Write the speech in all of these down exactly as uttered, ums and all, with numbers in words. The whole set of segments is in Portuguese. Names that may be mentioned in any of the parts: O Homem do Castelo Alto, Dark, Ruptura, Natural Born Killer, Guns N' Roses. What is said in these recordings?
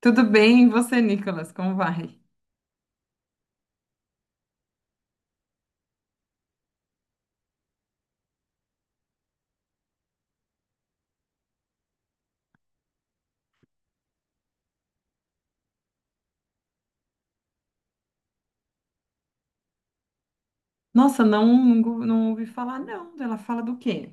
Tudo bem, e você, Nicolas? Como vai? Nossa, não, não, não ouvi falar, não. Ela fala do quê?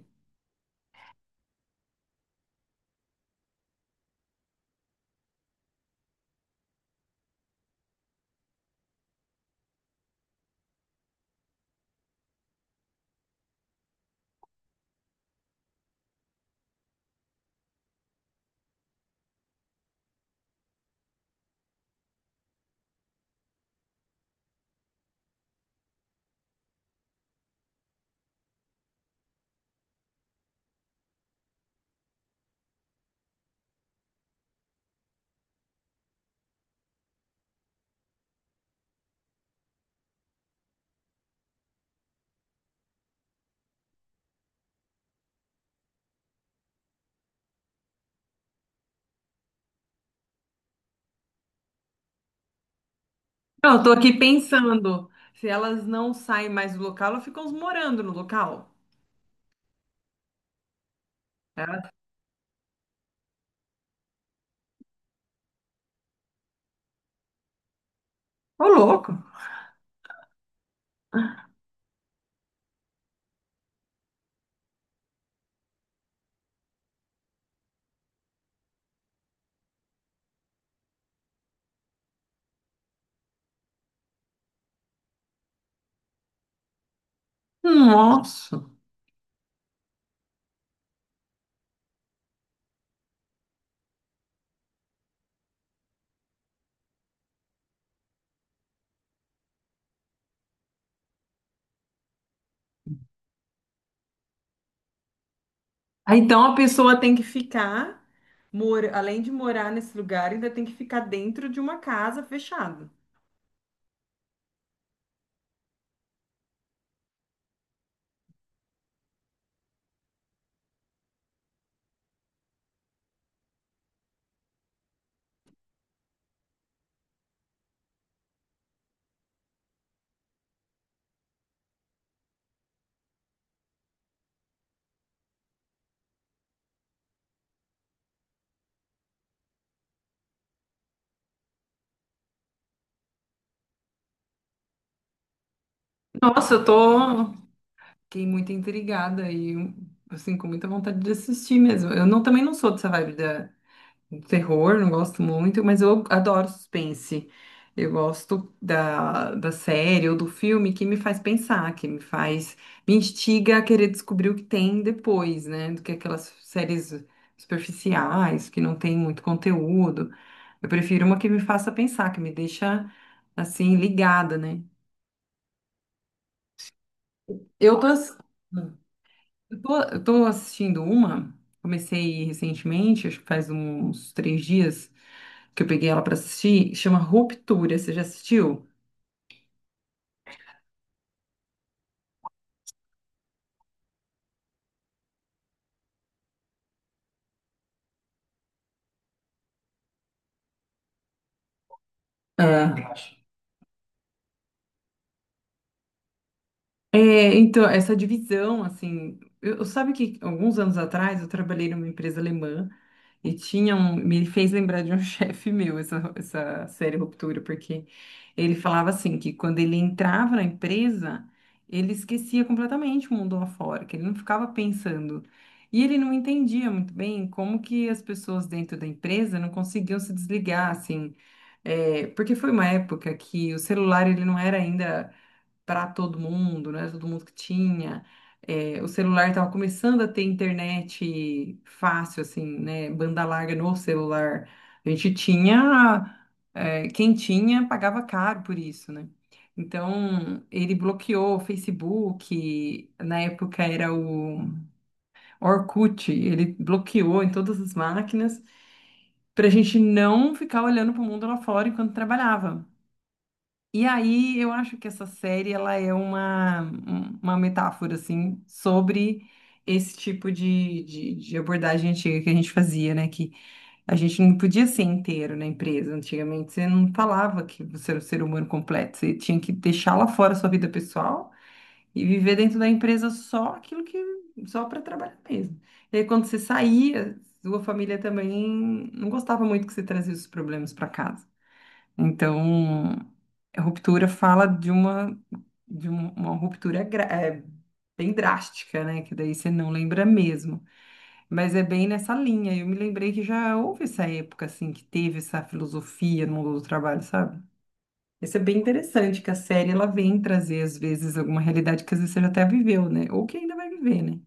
Não, eu tô aqui pensando. Se elas não saem mais do local, elas ficam morando no local. Ela- Ô, louco! Nossa! Ah, Então a pessoa tem que ficar, mora, além de morar nesse lugar, ainda tem que ficar dentro de uma casa fechada. Nossa, eu tô. Fiquei muito intrigada e, assim, com muita vontade de assistir mesmo. Eu não, também não sou dessa vibe da. terror, não gosto muito, mas eu adoro suspense. Eu gosto da, da série ou do filme que me faz pensar, que me faz, me instiga a querer descobrir o que tem depois, né? Do que aquelas séries superficiais, que não tem muito conteúdo. Eu prefiro uma que me faça pensar, que me deixa assim ligada, né? Eu tô, ass- eu tô, eu tô assistindo uma, comecei recentemente, acho que faz uns três dias que eu peguei ela pra assistir, chama Ruptura. Você já assistiu? Ah, É, então, essa divisão, assim, eu, eu- sabe que alguns anos atrás eu trabalhei numa empresa alemã. E tinha um, me fez lembrar de um chefe meu essa, essa série Ruptura, porque ele falava assim que quando ele entrava na empresa, ele esquecia completamente o mundo lá fora, que ele não ficava pensando. E ele não entendia muito bem como que as pessoas dentro da empresa não conseguiam se desligar, assim. É, porque foi uma época que o celular ele não era ainda para todo mundo, não era todo mundo que tinha. É, o celular estava começando a ter internet fácil, assim, né? Banda larga no celular. A gente tinha, é, quem tinha pagava caro por isso, né? Então, ele bloqueou o Facebook, na época era o Orkut, ele bloqueou em todas as máquinas para a gente não ficar olhando para o mundo lá fora enquanto trabalhava. E aí eu acho que essa série ela é uma, um- uma metáfora assim sobre esse tipo de, de, de abordagem antiga que a gente fazia, né? Que a gente não podia ser inteiro na empresa. Antigamente você não falava que você era um ser humano completo, você tinha que deixar lá fora a sua vida pessoal e viver dentro da empresa só aquilo que só para trabalhar mesmo. E aí, quando você saía, sua família também não gostava muito que você trazia os problemas para casa. Então, a ruptura fala de uma de um- uma ruptura gra- é, bem drástica, né? Que daí você não lembra mesmo. Mas é bem nessa linha. Eu me lembrei que já houve essa época, assim, que teve essa filosofia no mundo do trabalho, sabe? Isso é bem interessante, que a série ela vem trazer, às vezes, alguma realidade que às vezes você já até viveu, né? Ou que ainda vai viver, né?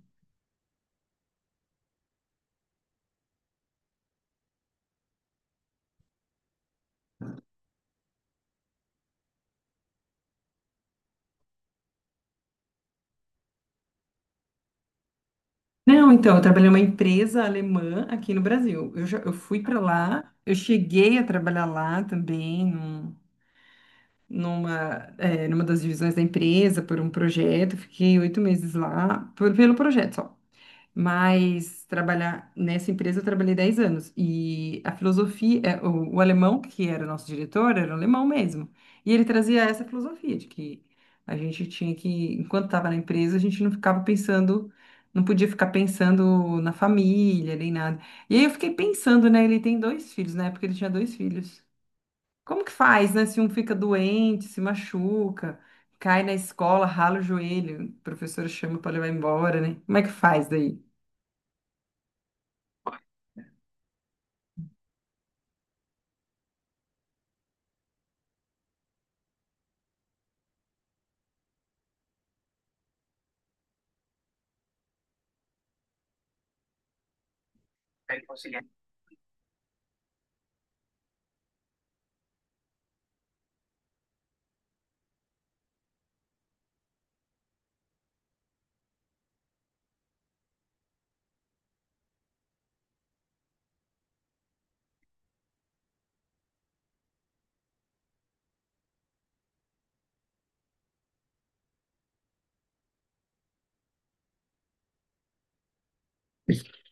Não, então, eu trabalhei numa empresa alemã aqui no Brasil. Eu, já, eu fui para lá, eu cheguei a trabalhar lá também, numa, é, numa das divisões da empresa por um projeto, fiquei oito meses lá por- pelo projeto só. Mas trabalhar nessa empresa eu trabalhei dez anos e a filosofia, é, o, o alemão que era o nosso diretor era um alemão mesmo e ele trazia essa filosofia de que a gente tinha que, enquanto estava na empresa, a gente não ficava pensando, não podia ficar pensando na família nem nada. E aí eu fiquei pensando, né? Ele tem dois filhos, na época ele tinha dois filhos. Como que faz, né? Se um fica doente, se machuca, cai na escola, rala o joelho, o professor chama para levar embora, né? Como é que faz daí?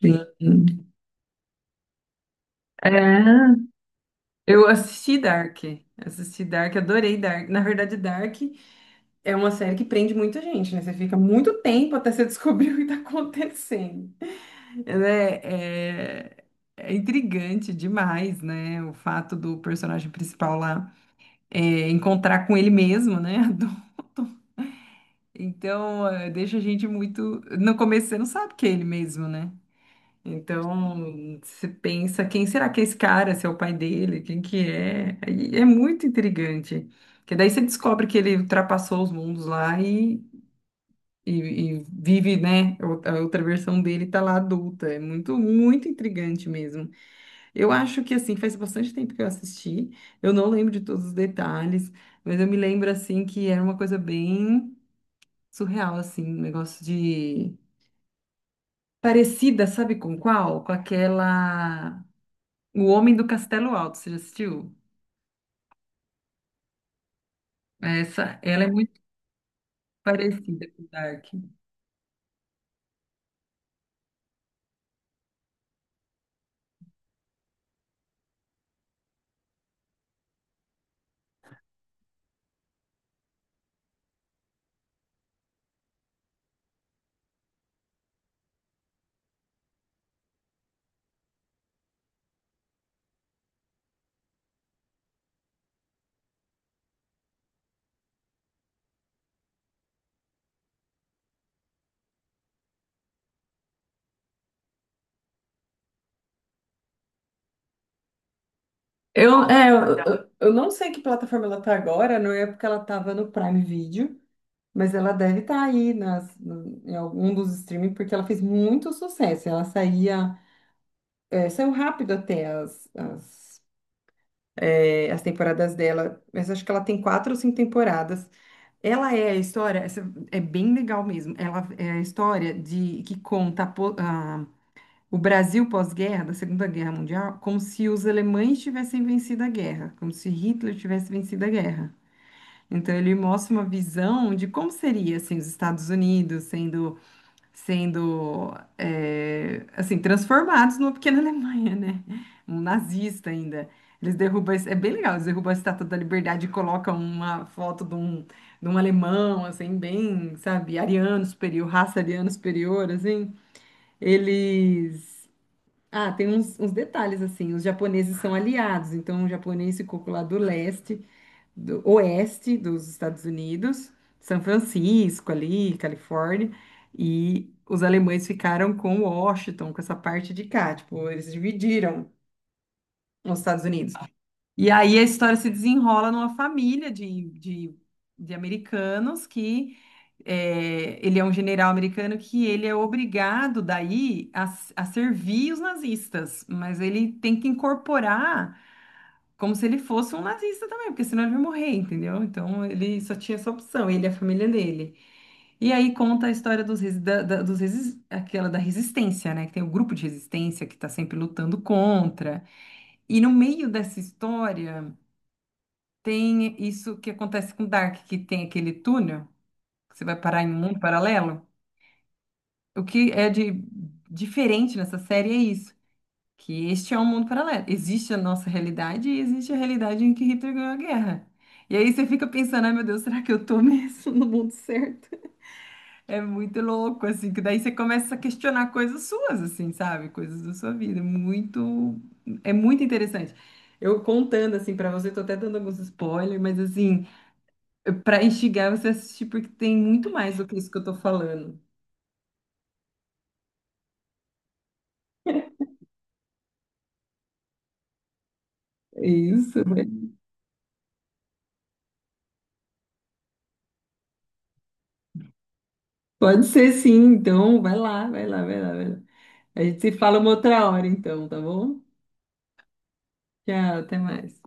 Sim. É, Eu assisti Dark, assisti Dark, adorei Dark. Na verdade, Dark é uma série que prende muita gente, né? Você fica muito tempo até você descobrir o que tá acontecendo. Ela É, é- É intrigante demais, né? O fato do personagem principal lá é, encontrar com ele mesmo, né? Então, eh, deixa a gente muito. No começo você não sabe que é ele mesmo, né? Então, você pensa, quem será que é esse cara? Se é o pai dele? Quem que é? Aí é muito intrigante. Porque daí você descobre que ele ultrapassou os mundos lá e, e, e vive, né? o- A outra versão dele tá lá adulta. É muito, muito intrigante mesmo. Eu acho que, assim, faz bastante tempo que eu assisti. Eu não lembro de todos os detalhes, mas eu me lembro, assim, que era uma coisa bem surreal, assim, um negócio de... Parecida, sabe com qual? Com aquela... O Homem do Castelo Alto, você já assistiu? Essa, ela é muito parecida com Dark. Eu, é, eu, eu eu não sei que plataforma ela tá agora, não é porque ela tava no Prime Video, mas ela deve estar aí nas, no- em algum dos streaming, porque ela fez muito sucesso. Ela saía, é, saiu rápido até as, as as temporadas dela, mas acho que ela tem quatro ou cinco temporadas. Ela é a história, essa é bem legal mesmo. Ela é a história de que conta a po- a- o Brasil pós-guerra, da Segunda Guerra Mundial, como se os alemães tivessem vencido a guerra, como se Hitler tivesse vencido a guerra. Então ele mostra uma visão de como seria assim os Estados Unidos sendo sendo é, assim transformados numa pequena Alemanha, né? Um nazista ainda. Eles derrubam, es- é bem legal, eles derrubam a Estátua da Liberdade e colocam uma foto de um, de um alemão, assim, bem, sabe, ariano superior, raça ariana superior, assim. Eles. Ah, tem uns, uns detalhes, assim, os japoneses são aliados, então o japonês ficou lá do leste do oeste dos Estados Unidos, São Francisco ali, Califórnia, e os alemães ficaram com Washington, com essa parte de cá, tipo, eles dividiram os Estados Unidos. E aí a história se desenrola numa família de, de, de americanos que é, ele é um general americano que ele é obrigado daí a, a servir os nazistas, mas ele tem que incorporar como se ele fosse um nazista também, porque senão ele ia morrer, entendeu? Então ele só tinha essa opção, ele e a família dele. E aí conta a história dos, resi- da, da- dos resi- aquela da resistência, né? Que tem o grupo de resistência que está sempre lutando contra. E no meio dessa história tem isso que acontece com Dark, que tem aquele túnel, que você vai parar em um mundo paralelo. O que é de diferente nessa série é isso. que este é um mundo paralelo. Existe a nossa realidade e existe a realidade em que Hitler ganhou a guerra. E aí você fica pensando, ai meu Deus, será que eu tô mesmo no mundo certo? É muito louco, assim, que daí você começa a questionar coisas suas, assim, sabe? Coisas da sua vida. É Muito, é muito interessante. Eu contando, assim, pra você, tô até dando alguns spoilers, mas, assim, pra instigar você a assistir, porque tem muito mais do que isso que eu tô falando. É isso, né? pode ser sim, então vai lá, vai lá, vai lá, vai lá. A gente se fala uma outra hora, então, tá bom? Tchau, até mais.